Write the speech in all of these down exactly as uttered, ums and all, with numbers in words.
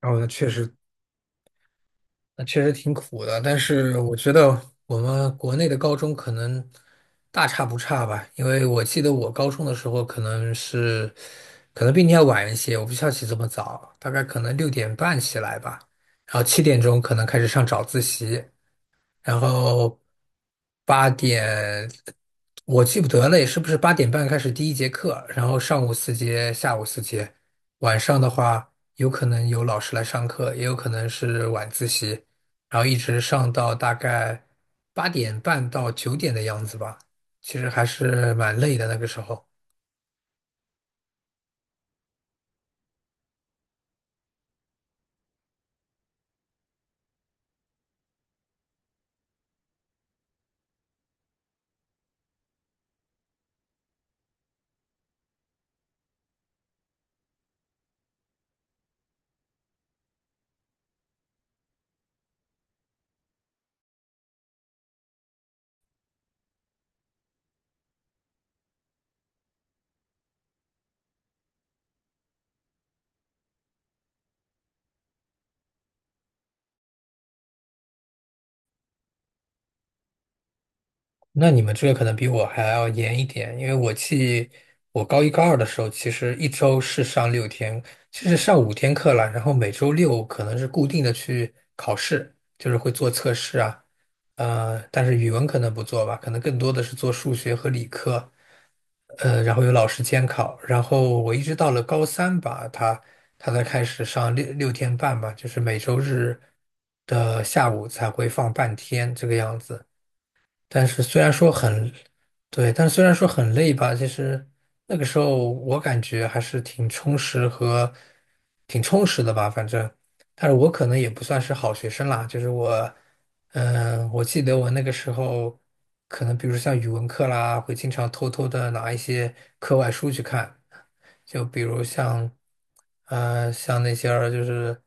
然后那确实，那确实挺苦的。但是我觉得我们国内的高中可能大差不差吧，因为我记得我高中的时候可能是，可能比你要晚一些，我不需要起这么早，大概可能六点半起来吧，然后七点钟可能开始上早自习。然后八点我记不得了，是不是八点半开始第一节课？然后上午四节，下午四节，晚上的话有可能有老师来上课，也有可能是晚自习，然后一直上到大概八点半到九点的样子吧。其实还是蛮累的那个时候。那你们这个可能比我还要严一点，因为我记我高一高二的时候，其实一周是上六天，其实上五天课了，然后每周六可能是固定的去考试，就是会做测试啊，呃，但是语文可能不做吧，可能更多的是做数学和理科，呃，然后有老师监考，然后我一直到了高三吧，他他才开始上六六天半吧，就是每周日的下午才会放半天这个样子。但是虽然说很，对，但是虽然说很累吧，其实那个时候我感觉还是挺充实和挺充实的吧，反正，但是我可能也不算是好学生啦，就是我，嗯、我记得我那个时候，可能比如像语文课啦，会经常偷偷的拿一些课外书去看，就比如像，呃，像那些儿就是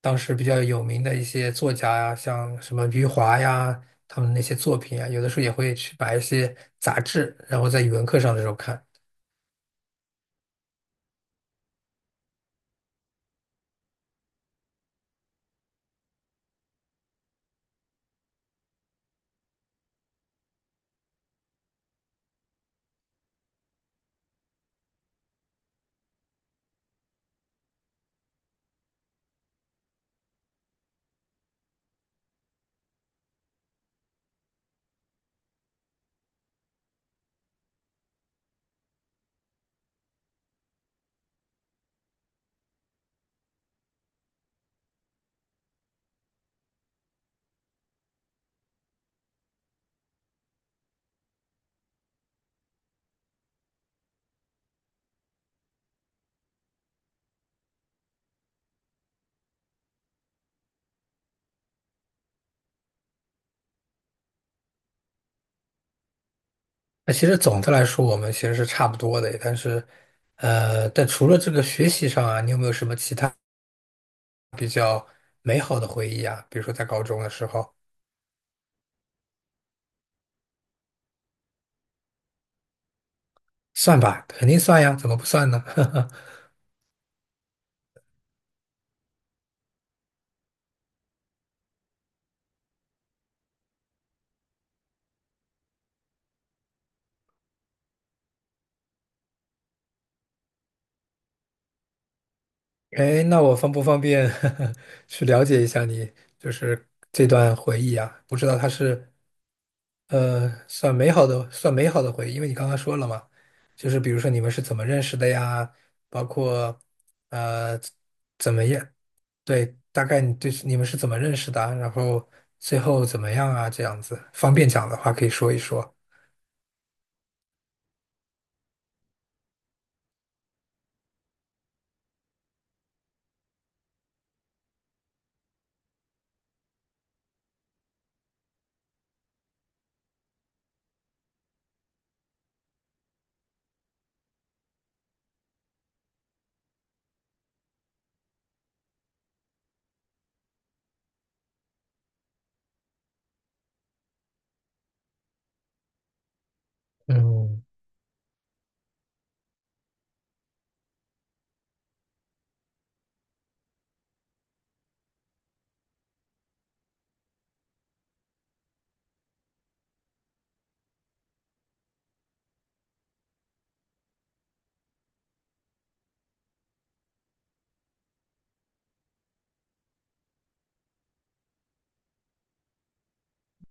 当时比较有名的一些作家呀，像什么余华呀，他们那些作品啊，有的时候也会去把一些杂志，然后在语文课上的时候看。那其实总的来说，我们其实是差不多的，但是，呃，但除了这个学习上啊，你有没有什么其他美好的回忆啊？比如说在高中的时候，算吧，肯定算呀，怎么不算呢？哎，那我方不方便 去了解一下你，就是这段回忆啊？不知道它是呃算美好的，算美好的回忆，因为你刚刚说了嘛，就是比如说你们是怎么认识的呀？包括呃怎么样？对，大概你对你们是怎么认识的啊然后最后怎么样啊？这样子，方便讲的话可以说一说。嗯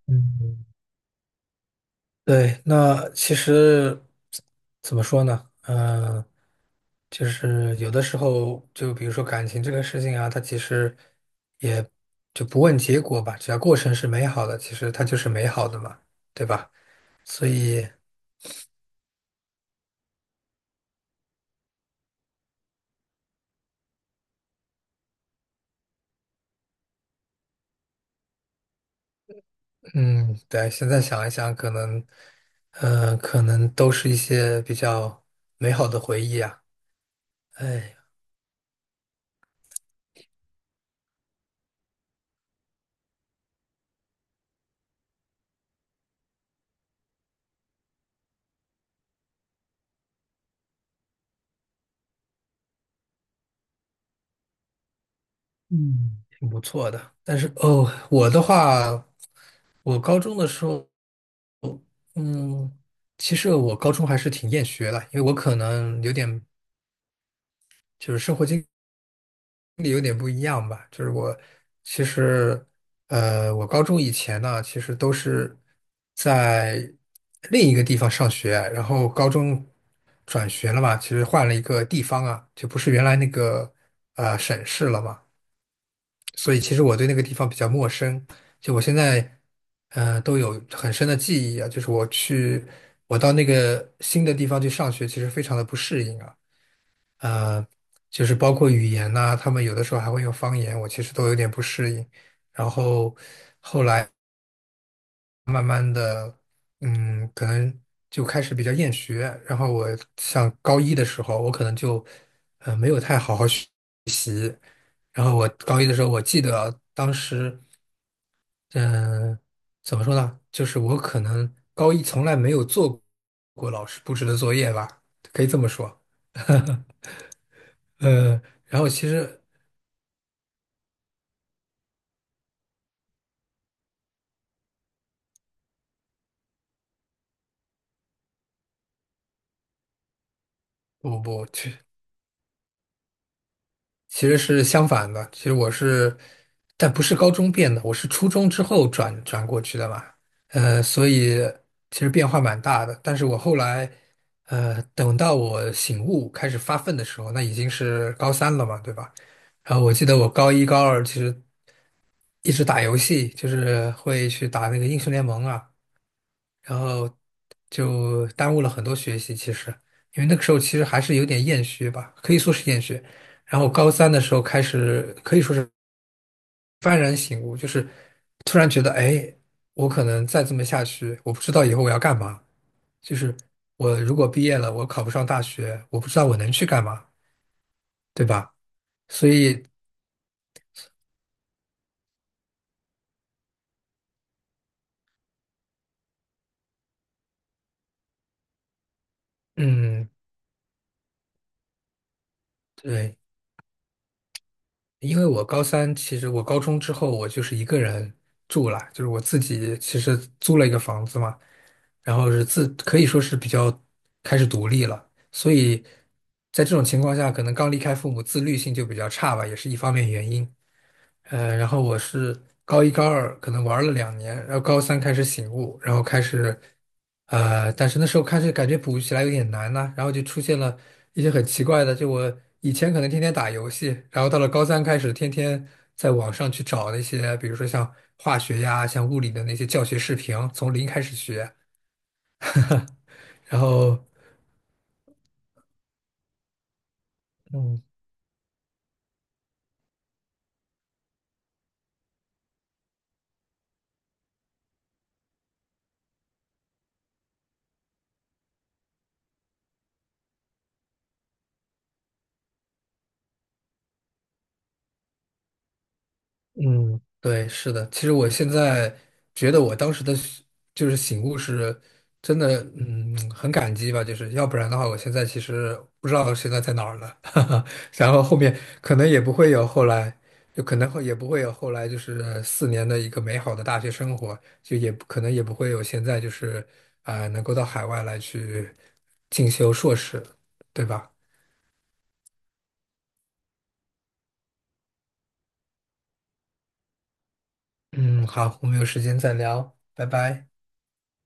嗯。对，那其实怎么说呢？嗯、就是有的时候，就比如说感情这个事情啊，它其实也就不问结果吧，只要过程是美好的，其实它就是美好的嘛，对吧？所以，嗯，对，现在想一想，可能，呃，可能都是一些比较美好的回忆啊，哎，嗯，挺不错的。但是哦，我的话，我高中的时候。嗯，其实我高中还是挺厌学的，因为我可能有点就是生活经，就是我其实呃，我高中以前呢，其实都是在另一个地方上学，然后高中转学了嘛，其实换了一个地方啊，就不是原来那个呃省市了嘛。所以其实我对那个地方比较陌生，就我现在，呃，都有很深的记忆啊。就是我去，我到那个新的地方去上学，其实非常的不适应啊。呃，就是包括语言呐、他们有的时候还会用方言，我其实都有点不适应。然后，嗯，可能就开始比较厌学。然后我像高一的时候，我可能就，呃，没有太好好学。然后我高一的时候，我记得当时。嗯，呃怎么说呢？就是我可能高一从来没有做过老师布置的作业吧，可以这么说。呃，然后其实不不，其其实是相反的。其实我是，但不是高中变的，我是初中之后转转过去的嘛。呃，所以其实变化蛮大的。但是我后来，呃，等到我醒悟开始发奋的时候，那已经是高三了嘛，对吧？然后我记得我高一、高二其实，一直打游戏，就是会去打那个英雄联盟啊，然后就耽误了很多学习。其实，因为那个时候其实还是有点厌学吧，可以说是厌学。然后高三的时候开始，可以说是幡然醒悟，就是突然觉得，哎，我可能再这么下去，我不知道以后我要干嘛。就是我如果毕业了，我考不上大学，我不知道我能去干嘛，对吧？所以，嗯，对，因为我高三，其实我高中之后我就是一个人住了，就是我自己其实租了一个房子嘛，然后是自可以说是比较开始独立了，所以在这种情况下，可能刚离开父母，自律性就比较差吧，也是一方面原因。呃，然后我是高一高二可能玩了两年，然后高三开始醒悟，然后开始，呃，但是那时候开始感觉补起来有点难呢、然后就出现了一些很奇怪的，就我以前可能天天打游戏，然后到了高三开始天天在网上去找那些，比如说像化学呀、像物理的那些教学视频，从零开始学，然后。嗯。嗯，对，是的。其实我现在觉得我当时的是就是醒悟是真的，嗯，很感激吧。就是要不然的话，我现在其实不知道现在在哪儿了。然后后面可能也不会有后来，就可能会也不会有后来，就是四年的一个美好的大学生活，就也不可能也不会有现在就是啊、能够到海外来去进修硕士，对吧？嗯，好，我们有时间再聊，拜拜。